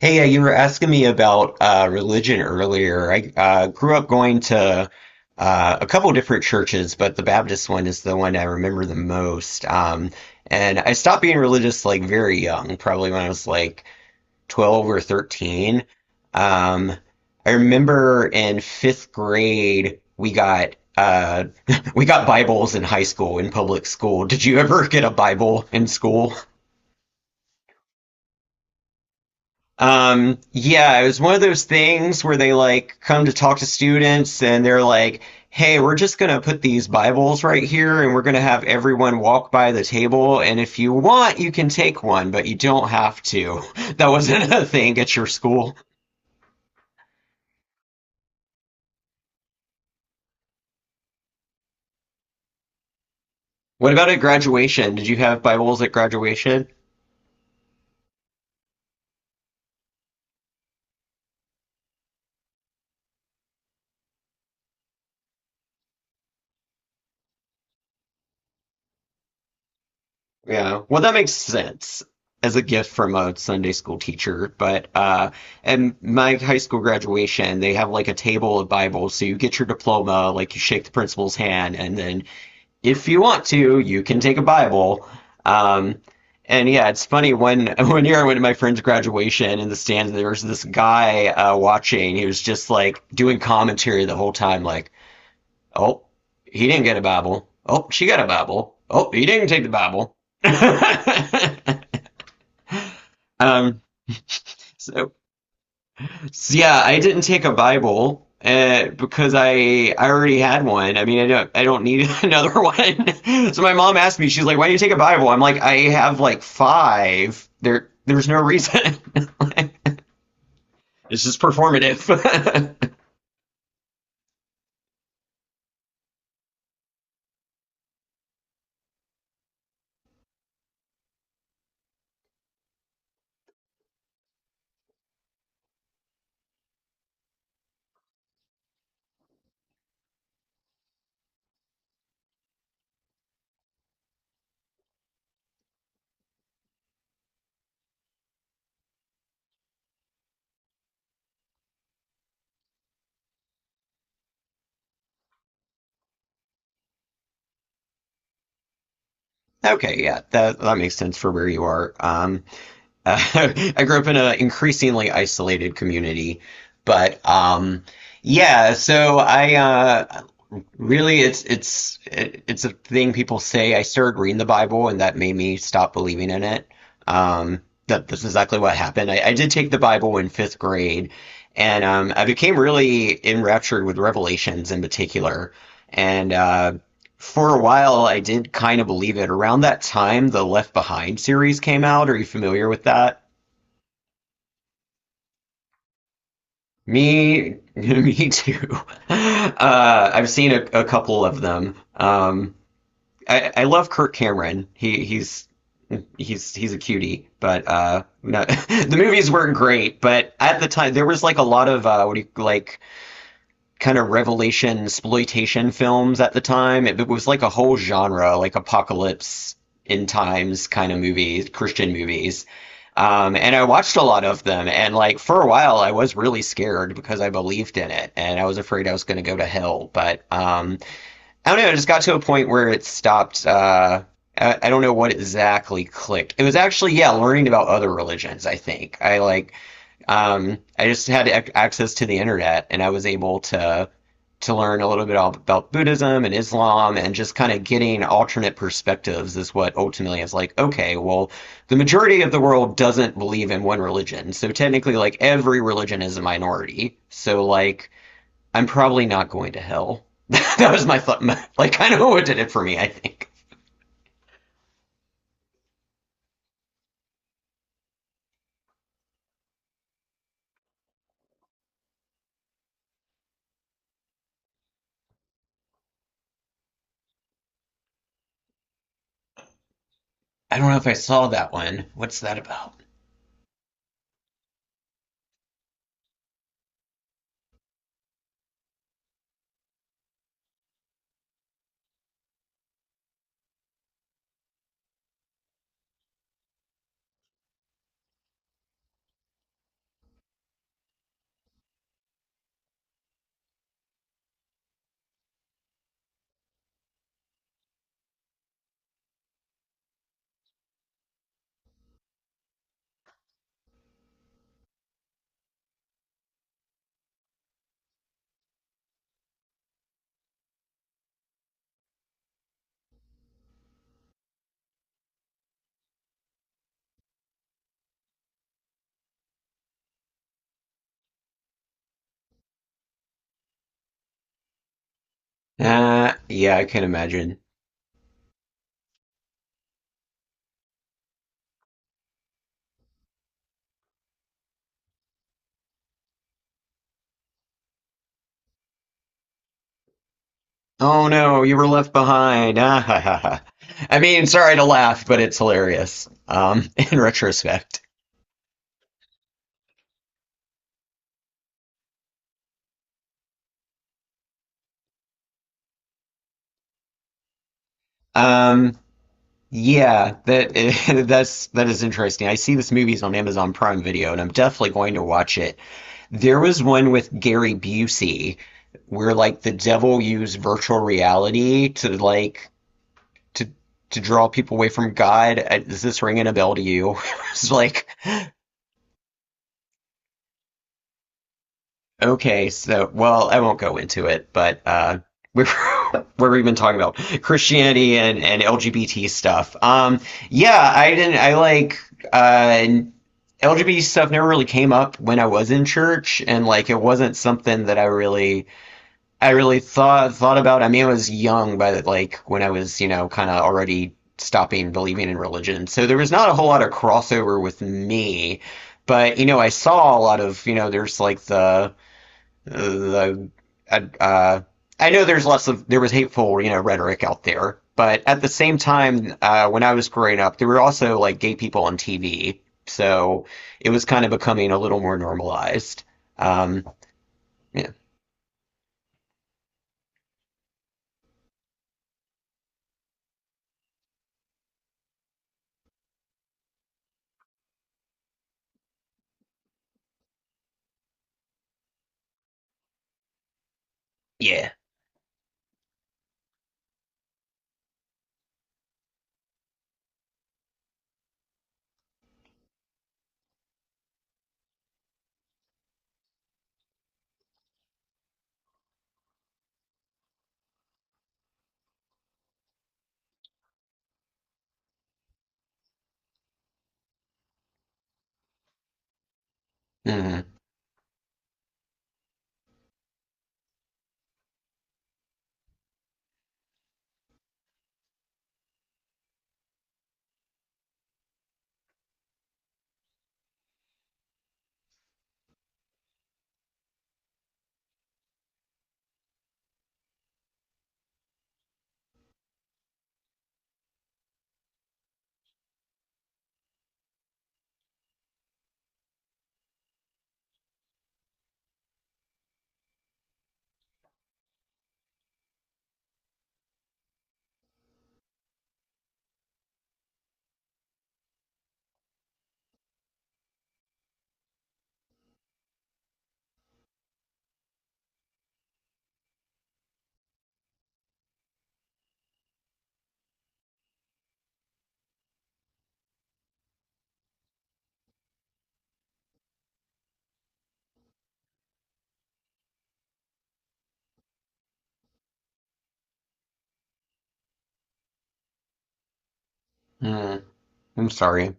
Hey, you were asking me about religion earlier. I grew up going to a couple different churches, but the Baptist one is the one I remember the most. And I stopped being religious like very young, probably when I was like 12 or 13. Um, I remember in fifth grade we got we got Bibles in high school in public school. Did you ever get a Bible in school? Yeah, it was one of those things where they like come to talk to students and they're like, hey, we're just gonna put these Bibles right here and we're gonna have everyone walk by the table. And if you want, you can take one, but you don't have to. That wasn't a thing at your school. What about at graduation? Did you have Bibles at graduation? Yeah. Well, that makes sense as a gift from a Sunday school teacher. But and my high school graduation, they have like a table of Bibles. So you get your diploma, like you shake the principal's hand, and then if you want to, you can take a Bible. Um and yeah, it's funny when one year I went to my friend's graduation in the stands, there was this guy watching. He was just like doing commentary the whole time, like oh, he didn't get a Bible. Oh, she got a Bible. Oh, he didn't take the Bible. um, so, so yeah, I didn't take a Bible because I already had one. I mean, I don't need another one. So my mom asked me, she's like, "Why do you take a Bible?" I'm like, "I have like five. There's no reason. It's just performative." Okay, yeah, that makes sense for where you are. Uh, I grew up in an increasingly isolated community, but yeah. So I really, it's a thing people say. I started reading the Bible, and that made me stop believing in it. Um, that's exactly what happened. I did take the Bible in fifth grade, and I became really enraptured with Revelations in particular. And for a while, I did kind of believe it. Around that time, the Left Behind series came out. Are you familiar with that? Me, me too. I've seen a couple of them. I love Kirk Cameron. He he's a cutie, but no, the movies weren't great. But at the time, there was like a lot of what do you like kind of revelation exploitation films at the time. It was like a whole genre, like apocalypse in times kind of movies, Christian movies. And I watched a lot of them. And like for a while, I was really scared because I believed in it and I was afraid I was going to go to hell. But I don't know. It just got to a point where it stopped. I don't know what exactly clicked. It was actually, yeah, learning about other religions, I think. I just had ac access to the internet, and I was able to learn a little bit about Buddhism and Islam, and just kind of getting alternate perspectives is what ultimately is like, okay, well, the majority of the world doesn't believe in one religion, so technically, like every religion is a minority. So like, I'm probably not going to hell. That was my thought, like kind of what did it for me, I think. I don't know if I saw that one. What's that about? Yeah, I can imagine. Oh no, you were left behind. Ah, ha, ha, ha. I mean, sorry to laugh, but it's hilarious. In retrospect. Um, yeah, that that's that is interesting. I see this movie's on Amazon Prime Video, and I'm definitely going to watch it. There was one with Gary Busey where like the devil used virtual reality to to draw people away from God. Is this ringing a bell to you? It's like okay, so well, I won't go into it, but we've been talking about Christianity and LGBT stuff. Yeah, I didn't. I like uh, LGBT stuff never really came up when I was in church, and like it wasn't something that I really thought about. I mean, I was young, but like when I was, you know, kind of already stopping believing in religion, so there was not a whole lot of crossover with me. But you know, I saw a lot of, you know, there's like the uh, uh, I know there's less of there was hateful you know rhetoric out there, but at the same time, when I was growing up, there were also like gay people on TV, so it was kind of becoming a little more normalized. Um, yeah, yeah. Mm, mm. I'm sorry.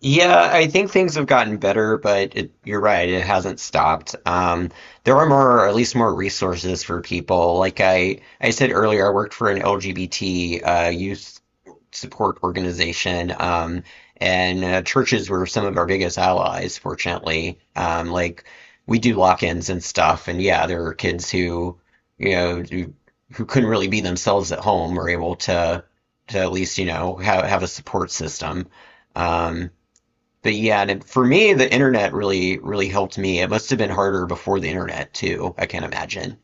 Yeah, I think things have gotten better, but it, you're right, it hasn't stopped. There are more, at least more resources for people. Like I said earlier, I worked for an LGBT youth support organization, and churches were some of our biggest allies, fortunately. Like we do lock-ins and stuff, and yeah, there are kids who, you know, who couldn't really be themselves at home are able to at least, you know, have a support system. Um, but yeah, and for me, the internet really, really helped me. It must have been harder before the internet too, I can't imagine.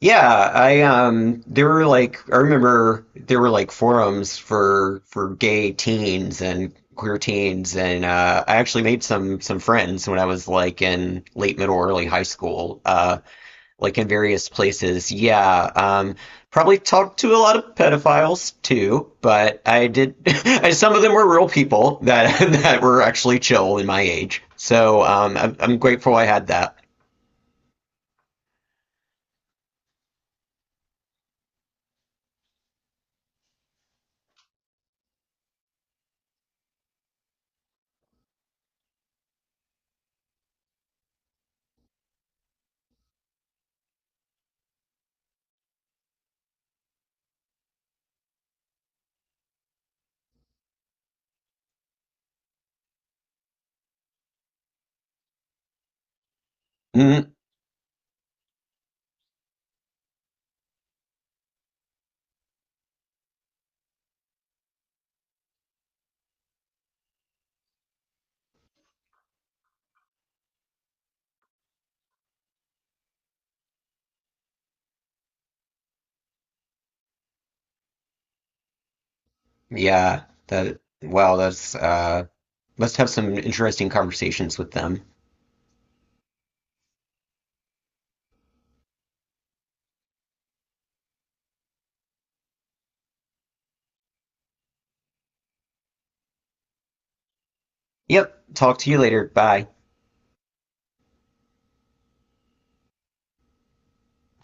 Yeah, I there were like I remember there were like forums for gay teens and queer teens, and I actually made some friends when I was like in late middle early high school. Like in various places. Yeah, probably talked to a lot of pedophiles too, but I did. Some of them were real people that that were actually chill in my age. So I'm grateful I had that. Mm, yeah, that wow, that's must have some interesting conversations with them. Yep, talk to you later. Bye.